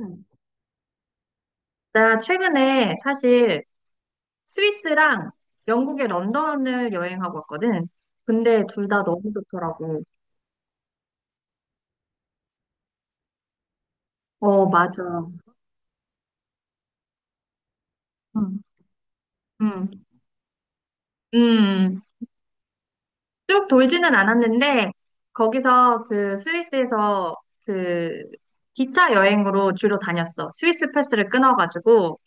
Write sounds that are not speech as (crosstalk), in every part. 음. 나 최근에 사실 스위스랑 영국의 런던을 여행하고 왔거든. 근데 둘 다 너무 좋더라고. 어, 맞아. 음, 음, 음. 쭉 돌지는 않았는데, 거기서 그 스위스에서 그 기차 여행으로 주로 다녔어. 스위스 패스를 끊어가지고,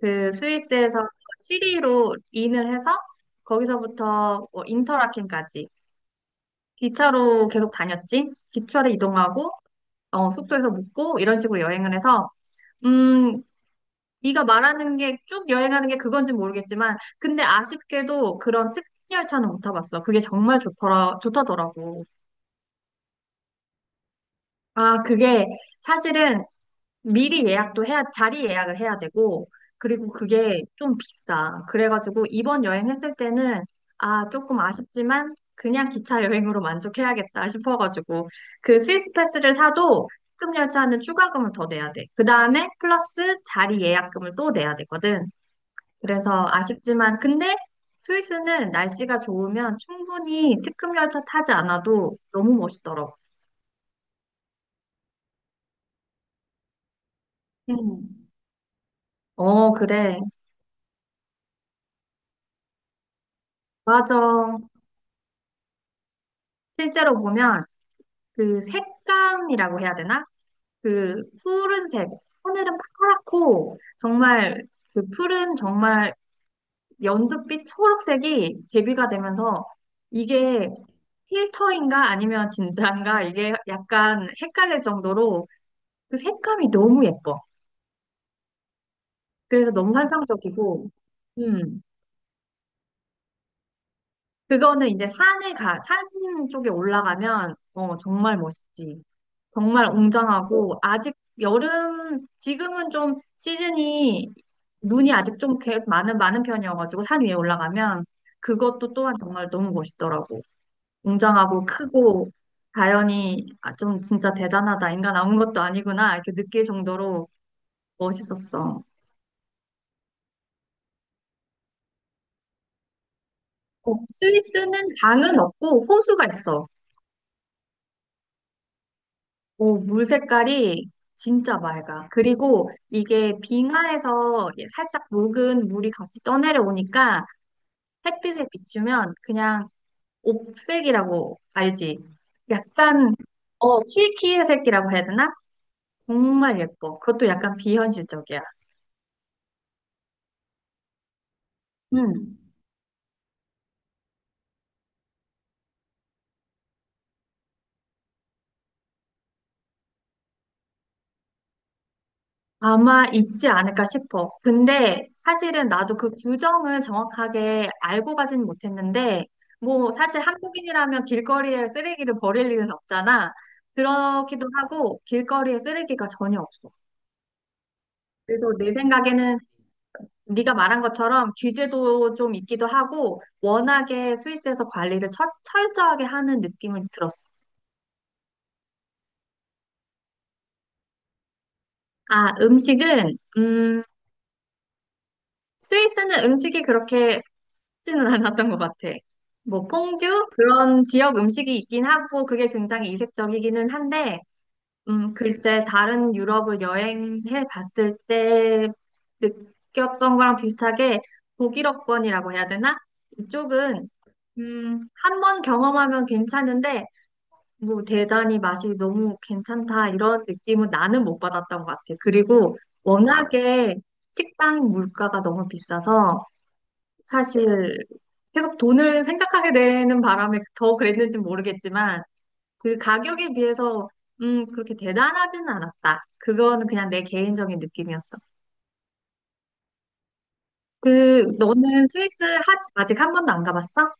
그 스위스에서 취리로 인을 해서, 거기서부터 뭐 인터라켄까지 기차로 계속 다녔지. 기차로 이동하고, 숙소에서 묵고 이런 식으로 여행을 해서 음, 네가 말하는 게 쭉 여행하는 게 그건지 모르겠지만 근데 아쉽게도 그런 특별 열차는 못 타봤어. 그게 정말 좋더라, 좋다더라고. 아, 그게 사실은 미리 예약도 해야, 자리 예약을 해야 되고, 그리고 그게 좀 비싸. 그래가지고 이번 여행했을 때는, 아, 조금 아쉽지만, 그냥 기차 여행으로 만족해야겠다 싶어가지고, 그 스위스 패스를 사도 특급 열차는 추가금을 더 내야 돼. 그 다음에 플러스 자리 예약금을 또 내야 되거든. 그래서 아쉽지만, 근데 스위스는 날씨가 좋으면 충분히 특급 열차 타지 않아도 너무 멋있더라고. 음. 어, 그래. 맞아. 실제로 보면 그 색감이라고 해야 되나? 그 푸른색, 하늘은 파랗고 정말 그 푸른 정말 연두빛 초록색이 대비가 되면서 이게 필터인가 아니면 진짜인가 이게 약간 헷갈릴 정도로 그 색감이 너무 예뻐. 그래서 너무 환상적이고, 음, 그거는 이제 산에 가, 산 쪽에 올라가면 정말 멋있지. 정말 웅장하고 아직 여름 지금은 좀 시즌이 눈이 아직 좀 많은 편이어가지고 산 위에 올라가면 그것도 또한 정말 너무 멋있더라고. 웅장하고 크고 자연이 좀 진짜 대단하다. 인간 아무 것도 아니구나. 이렇게 느낄 정도로 멋있었어. 어, 스위스는 강은 없고 호수가 있어. 어, 물 색깔이 진짜 맑아. 그리고 이게 빙하에서 살짝 녹은 물이 같이 떠내려오니까 햇빛에 비추면 그냥 옥색이라고 알지? 약간 키키의 색이라고 해야 되나? 정말 예뻐. 그것도 약간 비현실적이야. 음. 아마 있지 않을까 싶어. 근데 사실은 나도 그 규정을 정확하게 알고 가진 못했는데, 뭐 사실 한국인이라면 길거리에 쓰레기를 버릴 일은 없잖아. 그렇기도 하고 길거리에 쓰레기가 전혀 없어. 그래서 내 생각에는 네가 말한 것처럼 규제도 좀 있기도 하고 워낙에 스위스에서 관리를 철저하게 하는 느낌을 들었어. 아, 음식은 스위스는 음식이 그렇게 쉽지는 않았던 것 같아. 뭐 퐁듀 그런 지역 음식이 있긴 하고 그게 굉장히 이색적이기는 한데 글쎄 다른 유럽을 여행해 봤을 때 느꼈던 거랑 비슷하게 독일어권이라고 해야 되나? 이쪽은 한 번 경험하면 괜찮은데 뭐 대단히 맛이 너무 괜찮다 이런 느낌은 나는 못 받았던 것 같아. 그리고 워낙에 식당 물가가 너무 비싸서 사실 계속 돈을 생각하게 되는 바람에 더 그랬는지 모르겠지만 그 가격에 비해서 그렇게 대단하진 않았다. 그거는 그냥 내 개인적인 느낌이었어. 그 너는 스위스 아직 한 번도 안 가봤어?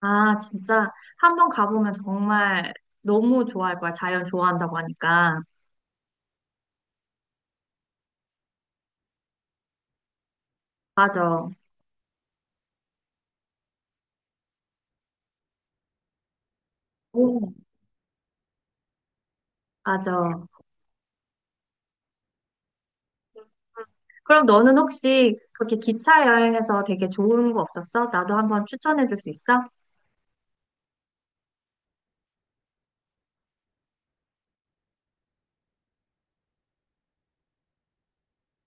아 진짜 한 번 가보면 정말 너무 좋아할 거야. 자연 좋아한다고 하니까. 맞아. 오, 맞아. 그럼 너는 혹시 그렇게 기차 여행에서 되게 좋은 거 없었어? 나도 한번 추천해 줄 수 있어?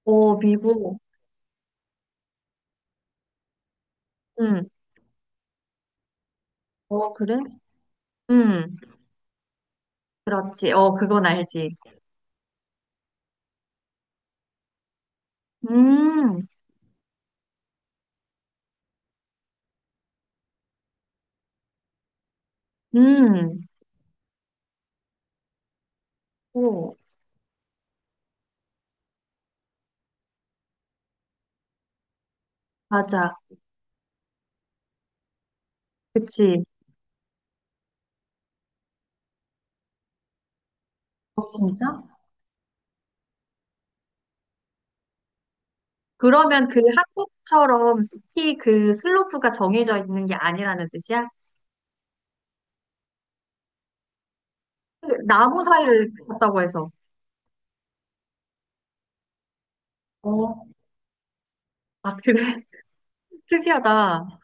오, 미국. 응. 어, 그래? 응, 그렇지. 어, 그건 알지. 음, 음, 오, 맞아. 그치. 어, 진짜? 그러면 그 한국처럼 숲히그 슬로프가 정해져 있는 게 아니라는 뜻이야? 그 나무 사이를 걷다고 해서. 어, 아, 그래? (laughs) 특이하다.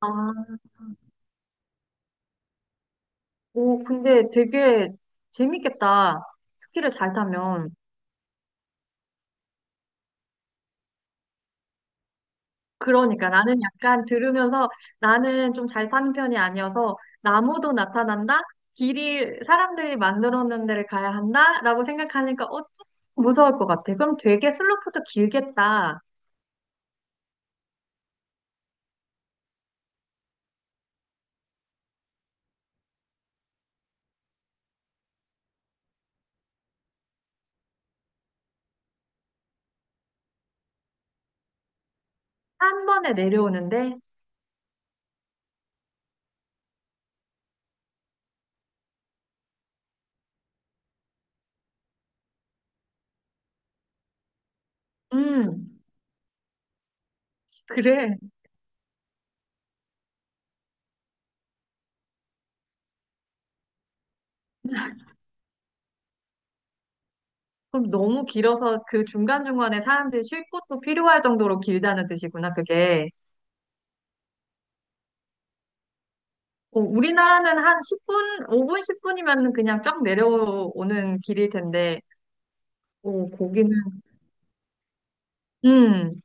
아, 오, 근데 되게 재밌겠다. 스키를 잘 타면. 그러니까 나는 약간 들으면서 나는 좀 잘 타는 편이 아니어서 나무도 나타난다? 길이 사람들이 만들어 놓은 데를 가야 한다? 라고 생각하니까 좀 무서울 것 같아. 그럼 되게 슬로프도 길겠다. 한 번에 내려오는데? 음, 그래. 그럼 너무 길어서 그 중간중간에 사람들이 쉴 곳도 필요할 정도로 길다는 뜻이구나, 그게. 어, 우리나라는 한 10분, 5분, 10분이면 그냥 쫙 내려오는 길일 텐데, 고 거기는, 음,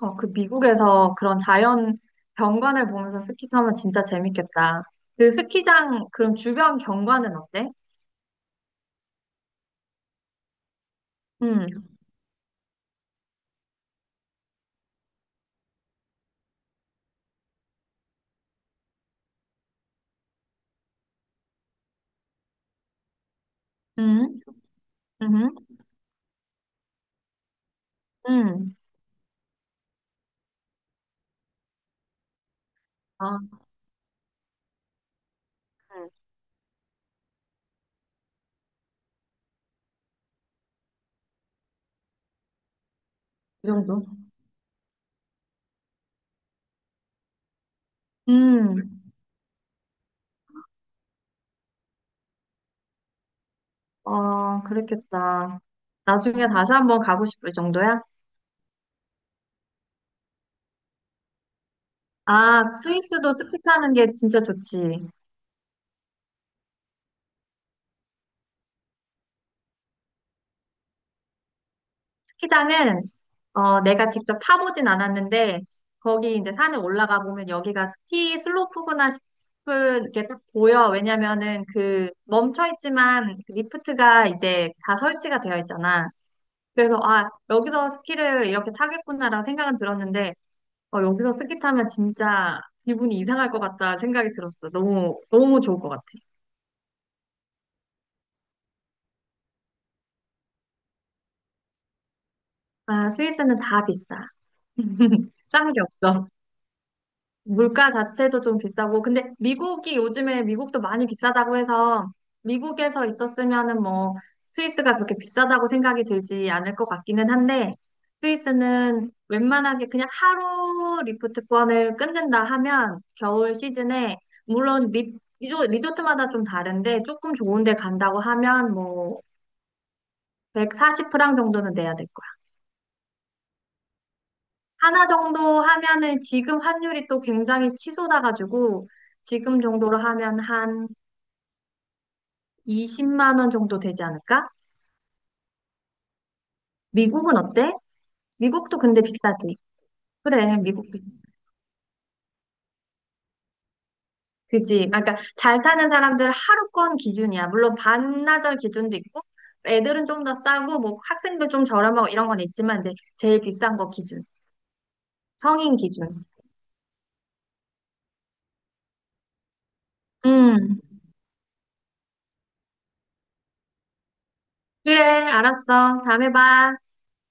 그 미국에서 그런 자연 경관을 보면서 스키 타면 진짜 재밌겠다. 그 스키장, 그럼 주변 경관은 어때? 음, 음, 음, 음, 아, 응. 이 정도? 음, 그랬겠다. 나중에 다시 한번 가고 싶을 정도야? 아, 스위스도 스키 타는 게 진짜 좋지. 스키장은 내가 직접 타보진 않았는데 거기 이제 산에 올라가 보면 여기가 스키 슬로프구나 싶은 게 딱 보여. 왜냐면은 그 멈춰 있지만 그 리프트가 이제 다 설치가 되어 있잖아. 그래서 여기서 스키를 이렇게 타겠구나라고 생각은 들었는데 어, 여기서 스키 타면 진짜 기분이 이상할 것 같다 생각이 들었어. 너무 너무 좋을 것 같아. 아 스위스는 다 비싸. (laughs) 싼 게 없어. 물가 자체도 좀 비싸고, 근데 미국이 요즘에 미국도 많이 비싸다고 해서 미국에서 있었으면은 뭐 스위스가 그렇게 비싸다고 생각이 들지 않을 것 같기는 한데 스위스는 웬만하게 그냥 하루 리프트권을 끊는다 하면 겨울 시즌에 물론 리조트마다 좀 다른데 조금 좋은 데 간다고 하면 뭐 140프랑 정도는 내야 될 거예요. 하나 정도 하면은 지금 환율이 또 굉장히 치솟아가지고 지금 정도로 하면 한 20만 원 정도 되지 않을까? 미국은 어때? 미국도 근데 비싸지. 그래, 미국도. 그지. 아, 그러니까 잘 타는 사람들은 하루권 기준이야. 물론 반나절 기준도 있고 애들은 좀 더 싸고 뭐 학생들 좀 저렴하고 이런 건 있지만 이제 제일 비싼 거 기준. 성인 기준. 음. 그래, 알았어. 다음에 봐.